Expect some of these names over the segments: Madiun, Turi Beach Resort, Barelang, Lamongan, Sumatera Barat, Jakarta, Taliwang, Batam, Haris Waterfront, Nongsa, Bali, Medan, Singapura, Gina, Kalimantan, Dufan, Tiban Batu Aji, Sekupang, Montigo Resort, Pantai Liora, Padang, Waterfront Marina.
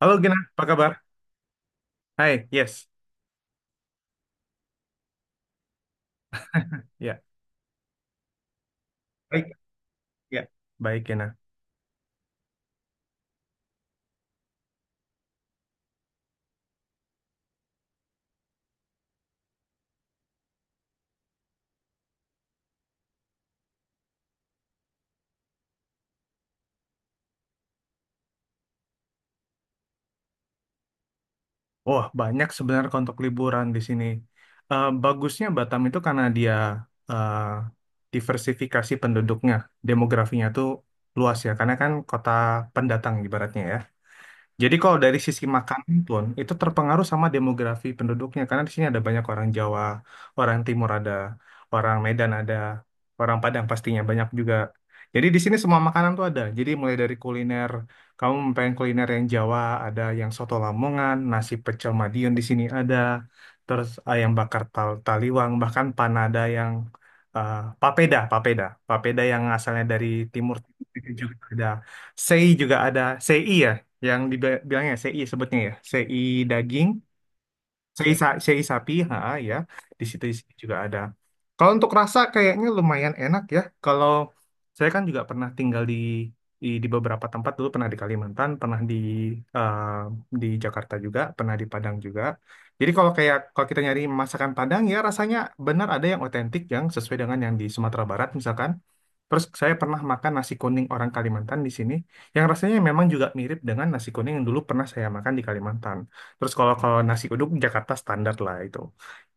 Halo Gina, apa kabar? Hai, yes. Ya, baik. Ya, baik Gina. Wah, banyak sebenarnya untuk liburan di sini. Bagusnya Batam itu karena dia eh, diversifikasi penduduknya, demografinya tuh luas ya, karena kan kota pendatang ibaratnya ya. Jadi kalau dari sisi makanan pun itu terpengaruh sama demografi penduduknya karena di sini ada banyak orang Jawa, orang Timur ada, orang Medan ada, orang Padang pastinya banyak juga. Jadi di sini semua makanan tuh ada. Jadi mulai dari kuliner, kamu pengen kuliner yang Jawa ada, yang soto Lamongan, nasi pecel Madiun di sini ada, terus ayam bakar Taliwang, bahkan panada yang eh, papeda, papeda, papeda yang asalnya dari timur juga ada. Sei juga ada, sei ya yang dibilangnya CI, sebutnya ya CI daging, CI, CI sapi, ha ya, di situ, juga ada. Kalau untuk rasa kayaknya lumayan enak ya, kalau saya kan juga pernah tinggal di di beberapa tempat dulu, pernah di Kalimantan, pernah di eh, di Jakarta juga, pernah di Padang juga. Jadi kalau kayak kalau kita nyari masakan Padang ya rasanya benar ada yang otentik yang sesuai dengan yang di Sumatera Barat misalkan. Terus saya pernah makan nasi kuning orang Kalimantan di sini, yang rasanya memang juga mirip dengan nasi kuning yang dulu pernah saya makan di Kalimantan. Terus kalau kalau nasi uduk Jakarta standar lah itu.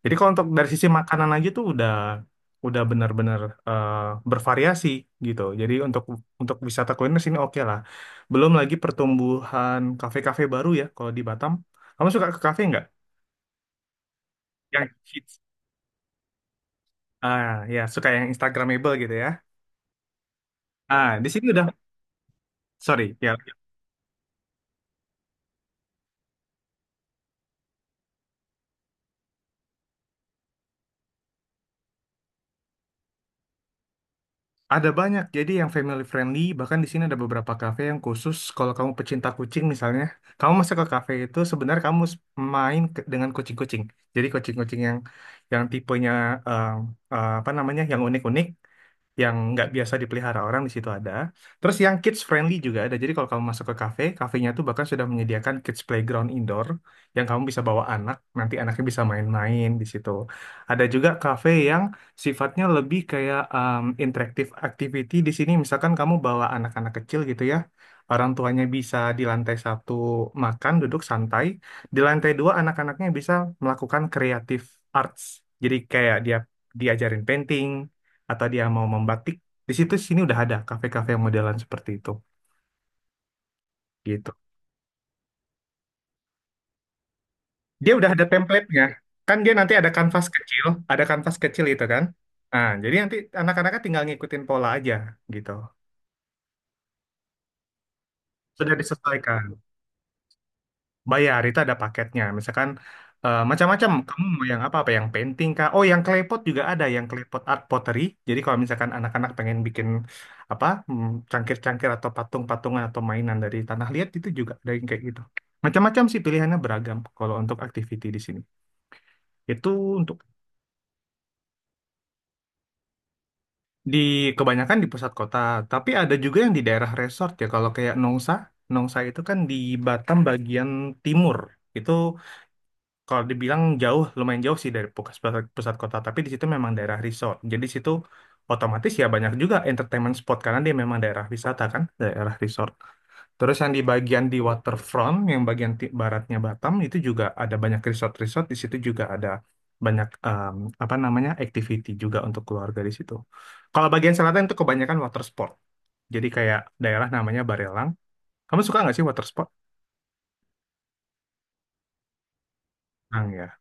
Jadi kalau untuk dari sisi makanan aja tuh udah benar-benar eh, bervariasi gitu. Jadi untuk wisata kuliner sini oke lah. Belum lagi pertumbuhan kafe-kafe baru ya kalau di Batam. Kamu suka ke kafe nggak? Yang hits. Ah, ya, suka yang Instagramable gitu ya. Ah, di sini udah, sorry ya. Ada banyak, jadi yang family friendly, bahkan di sini ada beberapa kafe yang khusus kalau kamu pecinta kucing misalnya, kamu masuk ke kafe itu sebenarnya kamu main dengan kucing-kucing. Jadi kucing-kucing yang tipenya eh, apa namanya, yang unik-unik yang nggak biasa dipelihara orang di situ ada. Terus yang kids friendly juga ada. Jadi kalau kamu masuk ke kafe, kafenya tuh bahkan sudah menyediakan kids playground indoor yang kamu bisa bawa anak, nanti anaknya bisa main-main di situ. Ada juga kafe yang sifatnya lebih kayak interactive activity di sini. Misalkan kamu bawa anak-anak kecil gitu ya. Orang tuanya bisa di lantai satu makan, duduk santai. Di lantai dua anak-anaknya bisa melakukan kreatif arts. Jadi kayak dia diajarin painting, atau dia mau membatik di situ. Sini udah ada kafe-kafe yang modelan seperti itu gitu. Dia udah ada template-nya kan, dia nanti ada kanvas kecil, itu kan, nah jadi nanti anak-anaknya tinggal ngikutin pola aja gitu. Sudah disesuaikan, bayar itu ada paketnya, misalkan macam-macam, kamu mau yang apa apa yang painting kah, oh yang klepot juga ada, yang klepot art pottery. Jadi kalau misalkan anak-anak pengen bikin apa cangkir-cangkir atau patung-patungan atau mainan dari tanah liat itu juga ada yang kayak gitu. Macam-macam sih pilihannya, beragam kalau untuk activity di sini itu untuk di kebanyakan di pusat kota, tapi ada juga yang di daerah resort ya kalau kayak Nongsa. Itu kan di Batam bagian timur itu. Kalau dibilang jauh, lumayan jauh sih dari pusat, kota, tapi di situ memang daerah resort. Jadi situ otomatis ya banyak juga entertainment spot karena dia memang daerah wisata kan, daerah resort. Terus yang di bagian di waterfront, yang bagian baratnya Batam itu juga ada banyak resort-resort. Di situ juga ada banyak apa namanya, activity juga untuk keluarga di situ. Kalau bagian selatan itu kebanyakan water sport. Jadi kayak daerah namanya Barelang. Kamu suka nggak sih water sport? Nah, ya.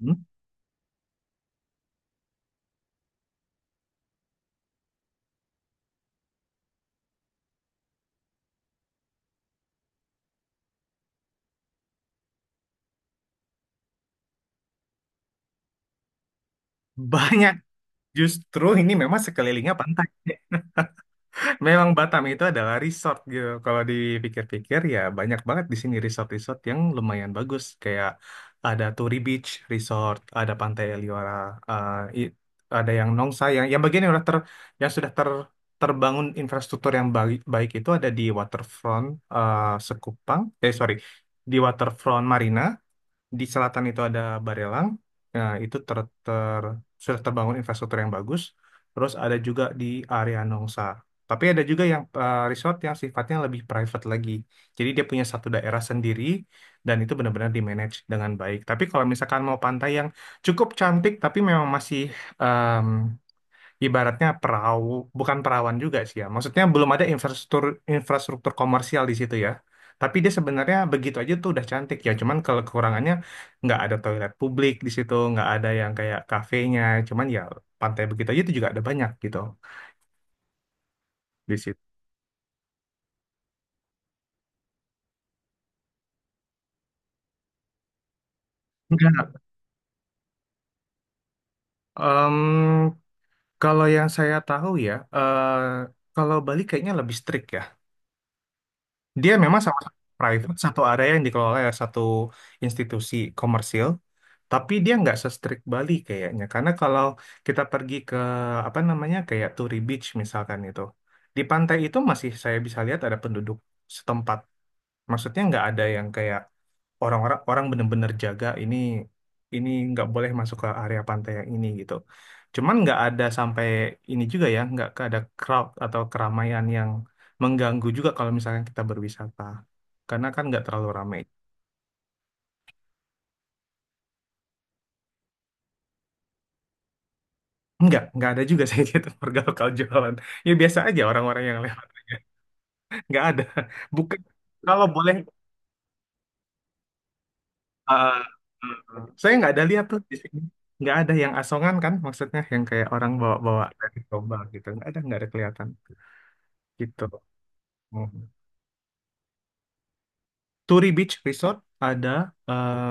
Hmm? Banyak. Justru ini memang sekelilingnya pantai. Memang Batam itu adalah resort gitu. Kalau dipikir-pikir ya banyak banget di sini resort-resort yang lumayan bagus. Kayak ada Turi Beach Resort, ada Pantai Liora, eh, i- ada yang Nongsa, yang bagian yang sudah ter terbangun infrastruktur yang baik, baik itu ada di Waterfront, eh, Sekupang. Eh, sorry, di Waterfront Marina, di selatan itu ada Barelang. Nah, itu ter, ter, sudah terbangun infrastruktur yang bagus. Terus ada juga di area Nongsa. Tapi ada juga yang resort yang sifatnya lebih private lagi. Jadi dia punya satu daerah sendiri dan itu benar-benar di-manage dengan baik. Tapi kalau misalkan mau pantai yang cukup cantik tapi memang masih ibaratnya perahu, bukan perawan juga sih ya. Maksudnya belum ada infrastruktur infrastruktur komersial di situ ya. Tapi dia sebenarnya begitu aja tuh udah cantik ya. Cuman kalau kekurangannya nggak ada toilet publik di situ, nggak ada yang kayak kafenya. Cuman ya pantai begitu aja itu juga ada banyak gitu di situ. Enggak. Em, kalau yang saya tahu ya, kalau Bali kayaknya lebih strict. Dia memang sama private satu area yang dikelola oleh satu institusi komersil, tapi dia nggak se-strict Bali kayaknya. Karena kalau kita pergi ke apa namanya kayak Turi Beach misalkan itu, di pantai itu masih saya bisa lihat ada penduduk setempat. Maksudnya nggak ada yang kayak orang-orang orang bener-bener jaga ini, nggak boleh masuk ke area pantai yang ini gitu. Cuman nggak ada sampai ini juga ya, nggak ada crowd atau keramaian yang mengganggu juga kalau misalkan kita berwisata. Karena kan nggak terlalu ramai. Nggak ada juga saya gitu warga lokal jualan. Ya biasa aja orang-orang yang lewat aja. Nggak ada. Bukan, kalau boleh. Ah, ah, saya nggak ada lihat tuh di sini. Nggak ada yang asongan kan, maksudnya yang kayak orang bawa-bawa dari domba gitu. Nggak ada kelihatan gitu. Hmm. Turi Beach Resort ada, eh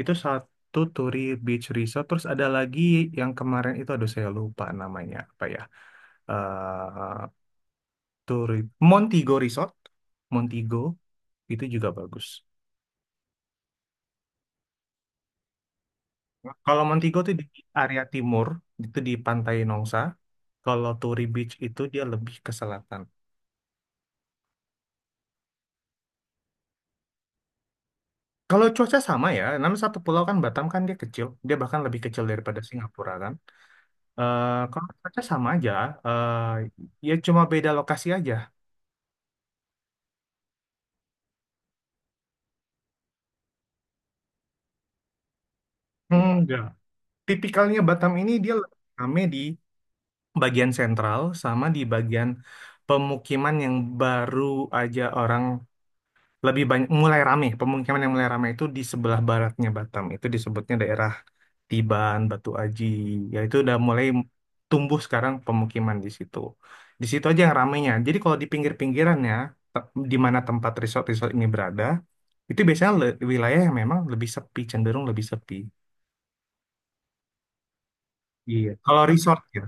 itu satu Turi Beach Resort. Terus ada lagi yang kemarin itu, aduh saya lupa namanya apa ya. eh Turi Montigo Resort, Montigo itu juga bagus. Kalau Montego itu di area timur, itu di Pantai Nongsa. Kalau Turi Beach itu dia lebih ke selatan. Kalau cuaca sama ya, namanya satu pulau kan Batam, kan dia kecil, dia bahkan lebih kecil daripada Singapura kan. Kalau cuaca sama aja, eh ya cuma beda lokasi aja. Enggak. Tipikalnya Batam ini dia lebih rame di bagian sentral sama di bagian pemukiman yang baru aja, orang lebih banyak mulai rame. Pemukiman yang mulai rame itu di sebelah baratnya Batam itu disebutnya daerah Tiban Batu Aji ya. Itu udah mulai tumbuh sekarang pemukiman di situ, aja yang ramenya. Jadi kalau di pinggir-pinggirannya, di mana tempat resort-resort ini berada, itu biasanya wilayah yang memang lebih sepi, cenderung lebih sepi. Iya, kalau resort ya.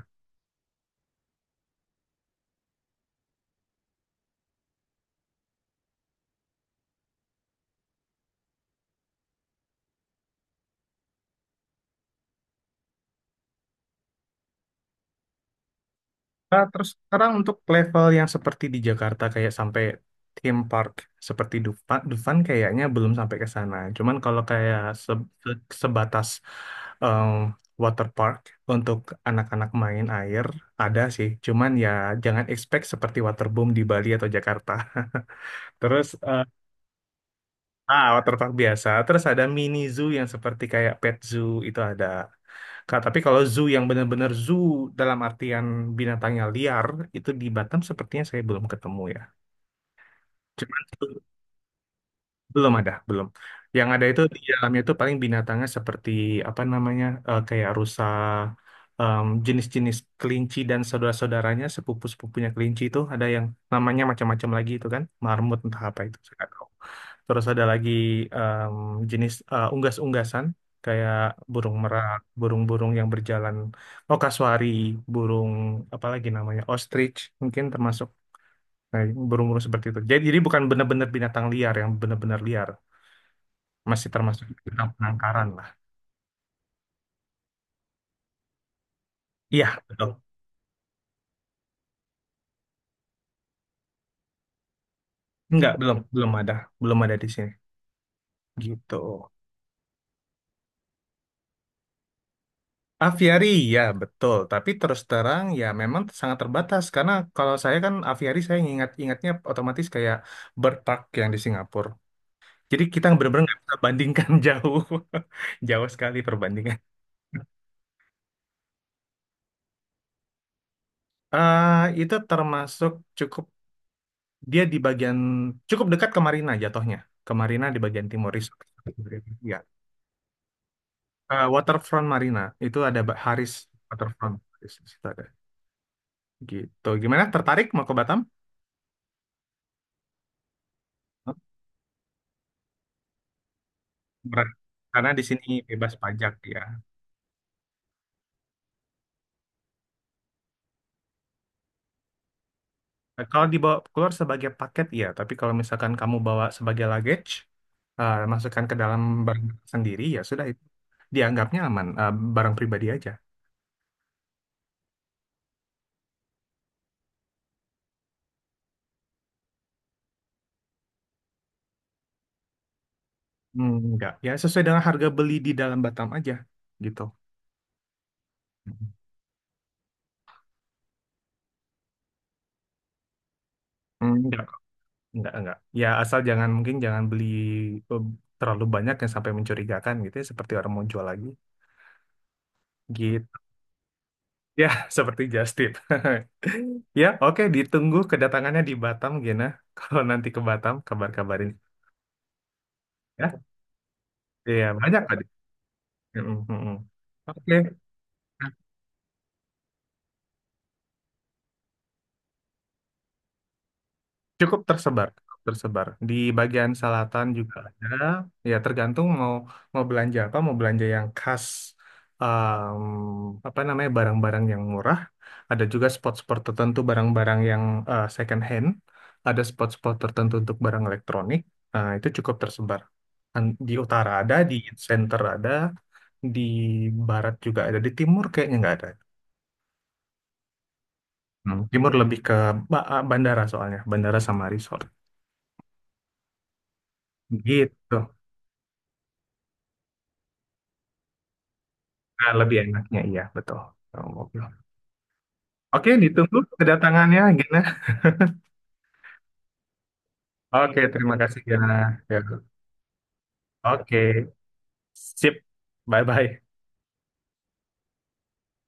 Nah, terus sekarang untuk level yang seperti di Jakarta kayak sampai theme park seperti Dufan, kayaknya belum sampai ke sana. Cuman kalau kayak sebatas em, water park untuk anak-anak main air ada sih. Cuman ya jangan expect seperti waterboom di Bali atau Jakarta. Terus ah, water park biasa. Terus ada mini zoo yang seperti kayak pet zoo itu ada. Kak, tapi kalau zoo yang benar-benar zoo dalam artian binatangnya liar, itu di Batam sepertinya saya belum ketemu ya. Cuman bel- belum ada, belum. Yang ada itu di dalamnya itu paling binatangnya seperti apa namanya, kayak rusa, jenis-jenis kelinci dan saudara-saudaranya, sepupu-sepupunya kelinci itu ada yang namanya macam-macam lagi itu kan, marmut entah apa itu, saya nggak tahu. Terus ada lagi em, jenis unggas-unggasan kayak burung merak, burung-burung yang berjalan, oh kasuari, burung apa lagi namanya, ostrich mungkin termasuk burung-burung seperti itu. Jadi bukan benar-benar binatang liar yang benar-benar liar, masih termasuk binatang penangkaran lah. Iya, betul. Enggak, belum ada, belum ada di sini. Gitu. Aviari, ya betul. Tapi terus terang ya memang sangat terbatas karena kalau saya kan aviari saya ingat-ingatnya otomatis kayak bird park yang di Singapura. Jadi kita benar-benar nggak bisa bandingkan jauh, jauh sekali perbandingan. Itu termasuk cukup, dia di bagian cukup dekat ke Marina jatuhnya. Ke Marina di bagian timur Resort. Ya. Waterfront Marina itu ada Haris Waterfront. Haris, di situ ada. Gitu. Gimana? Tertarik mau ke Batam? Ber- Karena di sini bebas pajak ya. Nah, kalau dibawa keluar sebagai paket ya, tapi kalau misalkan kamu bawa sebagai luggage, masukkan ke dalam barang sendiri ya sudah itu dianggapnya aman, barang pribadi aja. Hmm, enggak, ya sesuai dengan harga beli di dalam Batam aja gitu. Hmm, enggak, enggak. Ya asal jangan, mungkin jangan beli eh, terlalu banyak yang sampai mencurigakan gitu ya, seperti orang mau jual lagi gitu. Ya, seperti just tip. Ya, oke, ditunggu kedatangannya di Batam, Gina. Kalau nanti ke Batam, kabar-kabarin. Ya, iya, banyak tadi. Mm, mm, mm. Oke, cukup tersebar, cukup tersebar. Di bagian selatan juga ada. Ya, tergantung mau mau belanja apa, mau belanja yang khas, em, apa namanya, barang-barang yang murah. Ada juga spot-spot tertentu barang-barang yang second hand. Ada spot-spot tertentu untuk barang elektronik. Nah, itu cukup tersebar. Di utara ada, di center ada, di barat juga ada, di timur kayaknya nggak ada. Hmm. Timur lebih ke ah, bandara soalnya, bandara sama resort. Gitu. Nah, lebih enaknya iya, betul. Sama mobil. Oke, ditunggu kedatangannya, Gina. Oke, terima kasih, Gina. Ya. Oke, sip. Bye-bye.